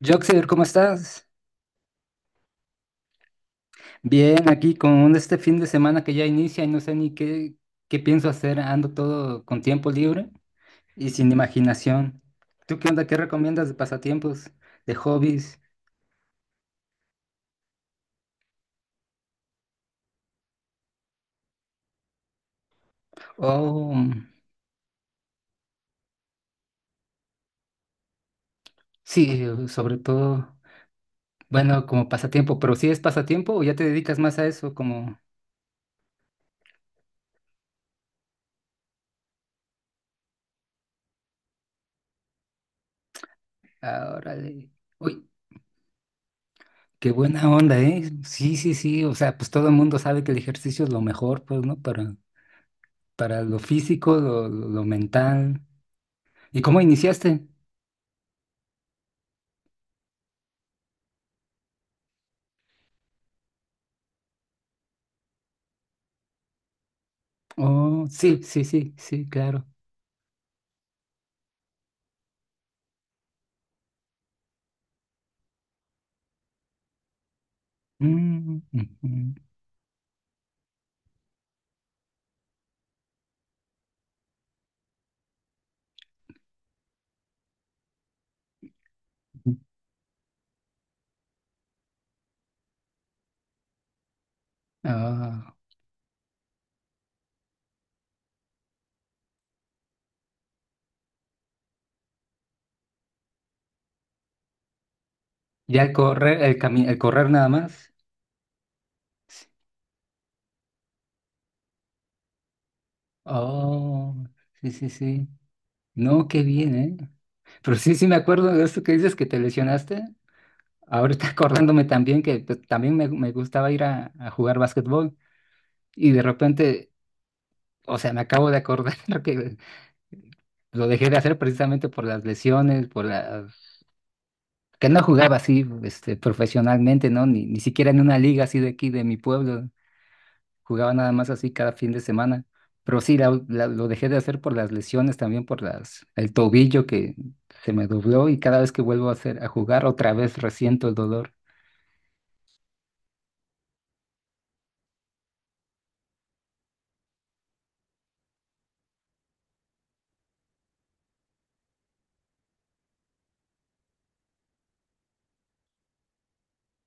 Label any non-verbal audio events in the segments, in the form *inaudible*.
Joxer, ¿cómo estás? Bien, aquí con este fin de semana que ya inicia y no sé ni qué pienso hacer. Ando todo con tiempo libre y sin imaginación. ¿Tú qué onda? ¿Qué recomiendas de pasatiempos, de hobbies? O mm, sí, sobre todo, bueno, como pasatiempo, pero si ¿sí es pasatiempo o ya te dedicas más a eso, como ahora? Uy, qué buena onda, ¿eh? Sí, sí, sí. O sea, pues todo el mundo sabe que el ejercicio es lo mejor, pues, ¿no? Para lo físico, lo mental. ¿Y cómo iniciaste? Oh, sí, sí, sí, sí, claro. Mm, ujú, ujú. Ah, ya el correr, el correr nada más. Sí. Oh, sí, sí, sí. No, qué bien, ¿eh? Pero sí, sí me acuerdo de esto que dices que te lesionaste. Ahorita *laughs* acordándome también que pues, también me gustaba ir a jugar básquetbol y de repente, o sea, me acabo de acordar *laughs* que lo dejé de hacer precisamente por las lesiones, por las que no jugaba así, este, profesionalmente, ¿no? Ni siquiera en una liga así de aquí, de mi pueblo. Jugaba nada más así cada fin de semana. Pero sí, lo dejé de hacer por las lesiones, también por las, el tobillo que se me dobló y cada vez que vuelvo a hacer, a jugar, otra vez resiento el dolor.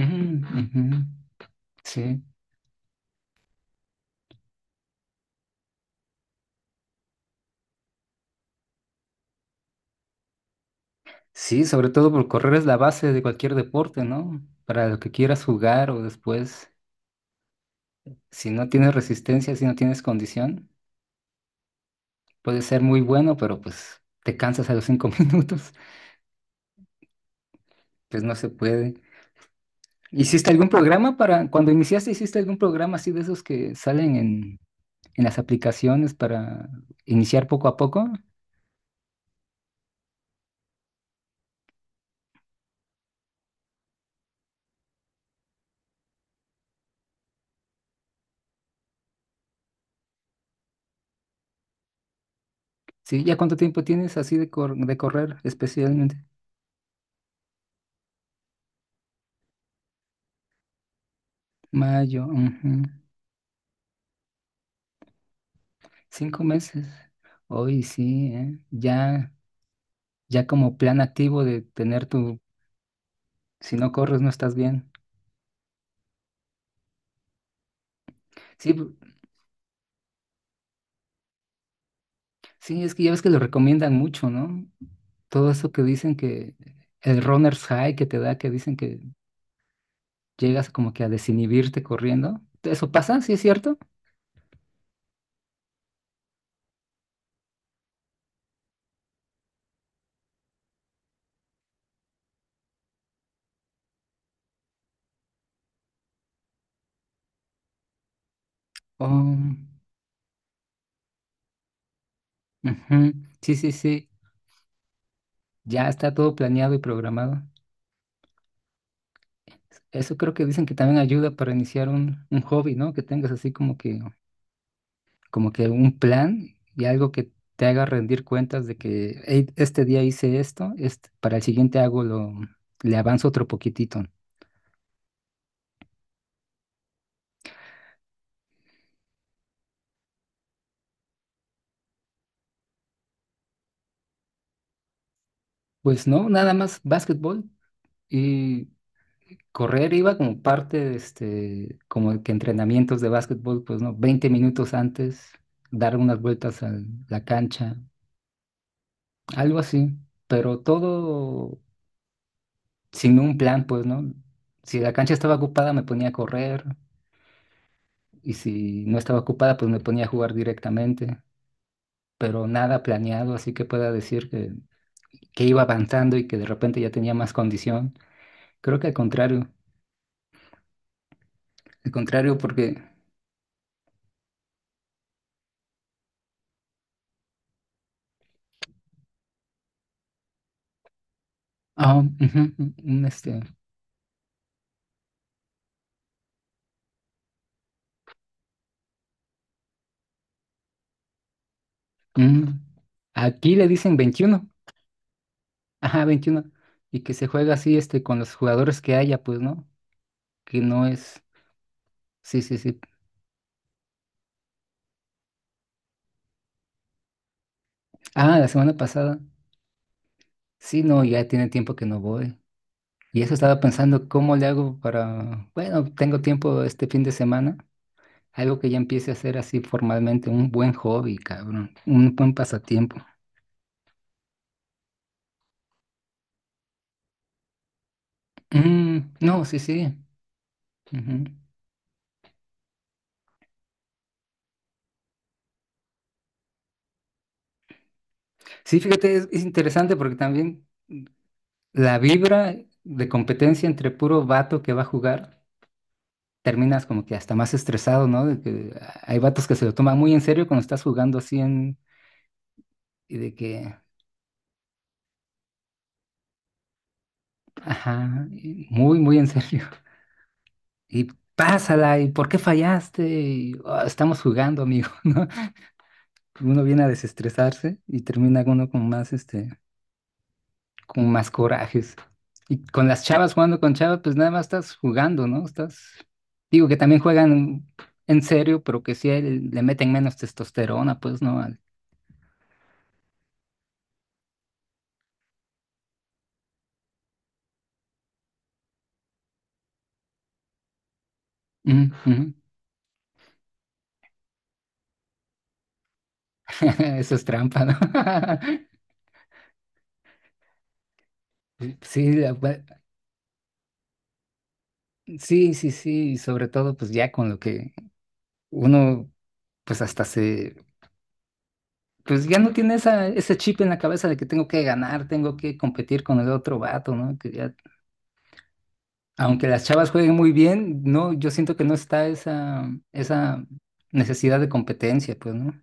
Ujú, ujú. Sí. Sí, sobre todo, por correr es la base de cualquier deporte, ¿no? Para lo que quieras jugar o después, si no tienes resistencia, si no tienes condición. Puede ser muy bueno, pero pues te cansas a los cinco *laughs* minutos, pues no se puede. ¿Hiciste algún programa para, cuando iniciaste, hiciste algún programa así de esos que salen en las aplicaciones para iniciar poco a poco? Sí, ¿ya cuánto tiempo tienes así de, cor- de correr especialmente? Mayo, ujú. 5 meses. Hoy sí, ¿eh? Ya, ya como plan activo de tener tu, si no corres no estás bien. Sí, sí, es que ya ves que lo recomiendan mucho, ¿no? Todo eso que dicen, que el runner's high que te da, que dicen que llegas como que a desinhibirte corriendo. ¿Eso pasa? ¿Sí es cierto? Oh, ujú. Sí, sí, sí. Ya está todo planeado y programado. Eso creo que dicen que también ayuda para iniciar un hobby, ¿no? Que tengas así como que un plan y algo que te haga rendir cuentas de que "Ey, este día hice esto, este, para el siguiente hago lo, le avanzo otro poquitito". Pues no, nada más básquetbol y correr iba como parte de este, como que entrenamientos de básquetbol, pues no, 20 minutos antes, dar unas vueltas a la cancha, algo así, pero todo sin un plan, pues no. Si la cancha estaba ocupada me ponía a correr, y si no estaba ocupada pues me ponía a jugar directamente, pero nada planeado, así que pueda decir que iba avanzando y que de repente ya tenía más condición. Creo que al contrario porque... Ah, ujú, un, este, un- aquí le dicen 21, ajá, 21, y que se juega así, este, con los jugadores que haya, pues, ¿no? Que no es, sí, sí, sí. Ah, la semana pasada, sí, no, ya tiene tiempo que no voy. Y eso estaba pensando, ¿cómo le hago para, bueno, tengo tiempo este fin de semana, algo que ya empiece a hacer así formalmente, un buen hobby, cabrón, un buen pasatiempo. Mm, no, sí, sí. Ujú. Sí, fíjate, es interesante porque también la vibra de competencia entre puro vato que va a jugar, terminas como que hasta más estresado, ¿no? De que hay vatos que se lo toman muy en serio cuando estás jugando así en... Y de que, ajá, y muy, muy en serio. *laughs* Y pásala, ¿y por qué fallaste? Y, "Oh, estamos jugando, amigo", *laughs* ¿no? Uno viene a desestresarse y termina uno con más, este, como más corajes. Y con las chavas jugando con chavas, pues nada más estás jugando, ¿no? Estás, digo que también juegan en serio, pero que sí le meten menos testosterona, pues, ¿no? Al- Ujú, ujú. *laughs* Eso es trampa, ¿no? *laughs* Sí, la verdad, sí, sí, sí, y sobre todo pues ya con lo que uno pues hasta se, pues ya no tiene esa, ese chip en la cabeza de que tengo que ganar, tengo que competir con el otro vato, ¿no? Que ya aunque las chavas jueguen muy bien, no, yo siento que no está esa, necesidad de competencia, pues, ¿no?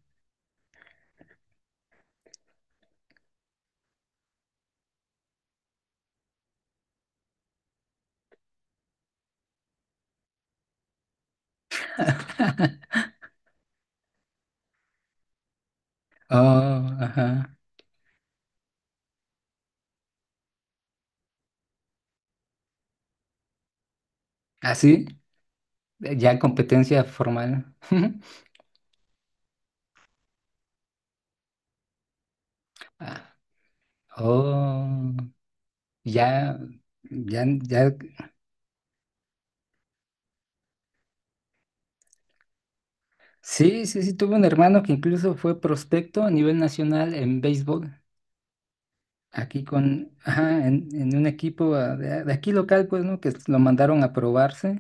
Oh, ajá. Así, ya competencia formal. *laughs* Ah, oh, ya, ya, ya. Sí, sí, sí, tuve un hermano que incluso fue prospecto a nivel nacional en béisbol. Aquí con, ajá, en un equipo ah, de aquí local, pues, ¿no? Que lo mandaron a probarse,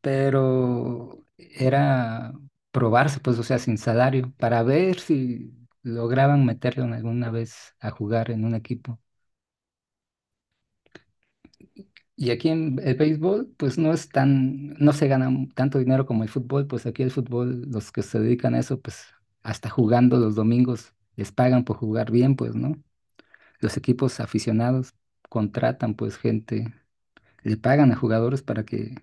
pero era probarse, pues, o sea, sin salario, para ver si lograban meterlo en alguna vez a jugar en un equipo. Y aquí en el béisbol, pues no es tan, no se gana mu- tanto dinero como el fútbol, pues aquí el fútbol, los que se dedican a eso, pues hasta jugando los domingos, les pagan por jugar bien, pues, ¿no? Los equipos aficionados contratan, pues, gente, le pagan a jugadores para que,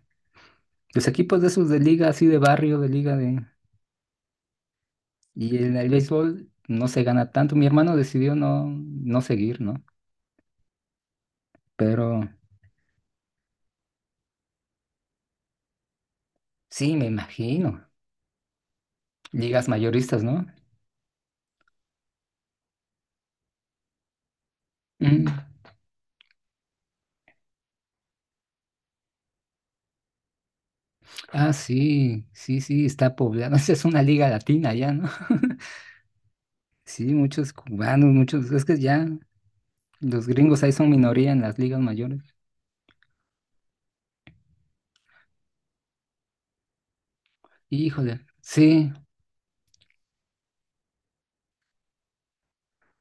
los equipos de esos de liga, así de barrio, de liga de... Y el béisbol no se gana tanto. Mi hermano decidió no, no seguir, ¿no? Pero sí, me imagino. Ligas mayoristas, ¿no? Mm. Ah, sí, sí, sí, está poblado. *laughs* Esa es una liga latina ya, ¿no? *laughs* Sí, muchos cubanos, muchos. Es que ya los gringos ahí son minoría en las ligas mayores. Híjole, sí,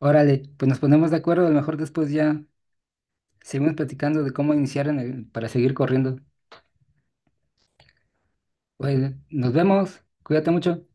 órale, pues nos ponemos de acuerdo. A lo mejor después ya seguimos platicando de cómo iniciar en el- para seguir corriendo. Oye, nos vemos. Cuídate mucho.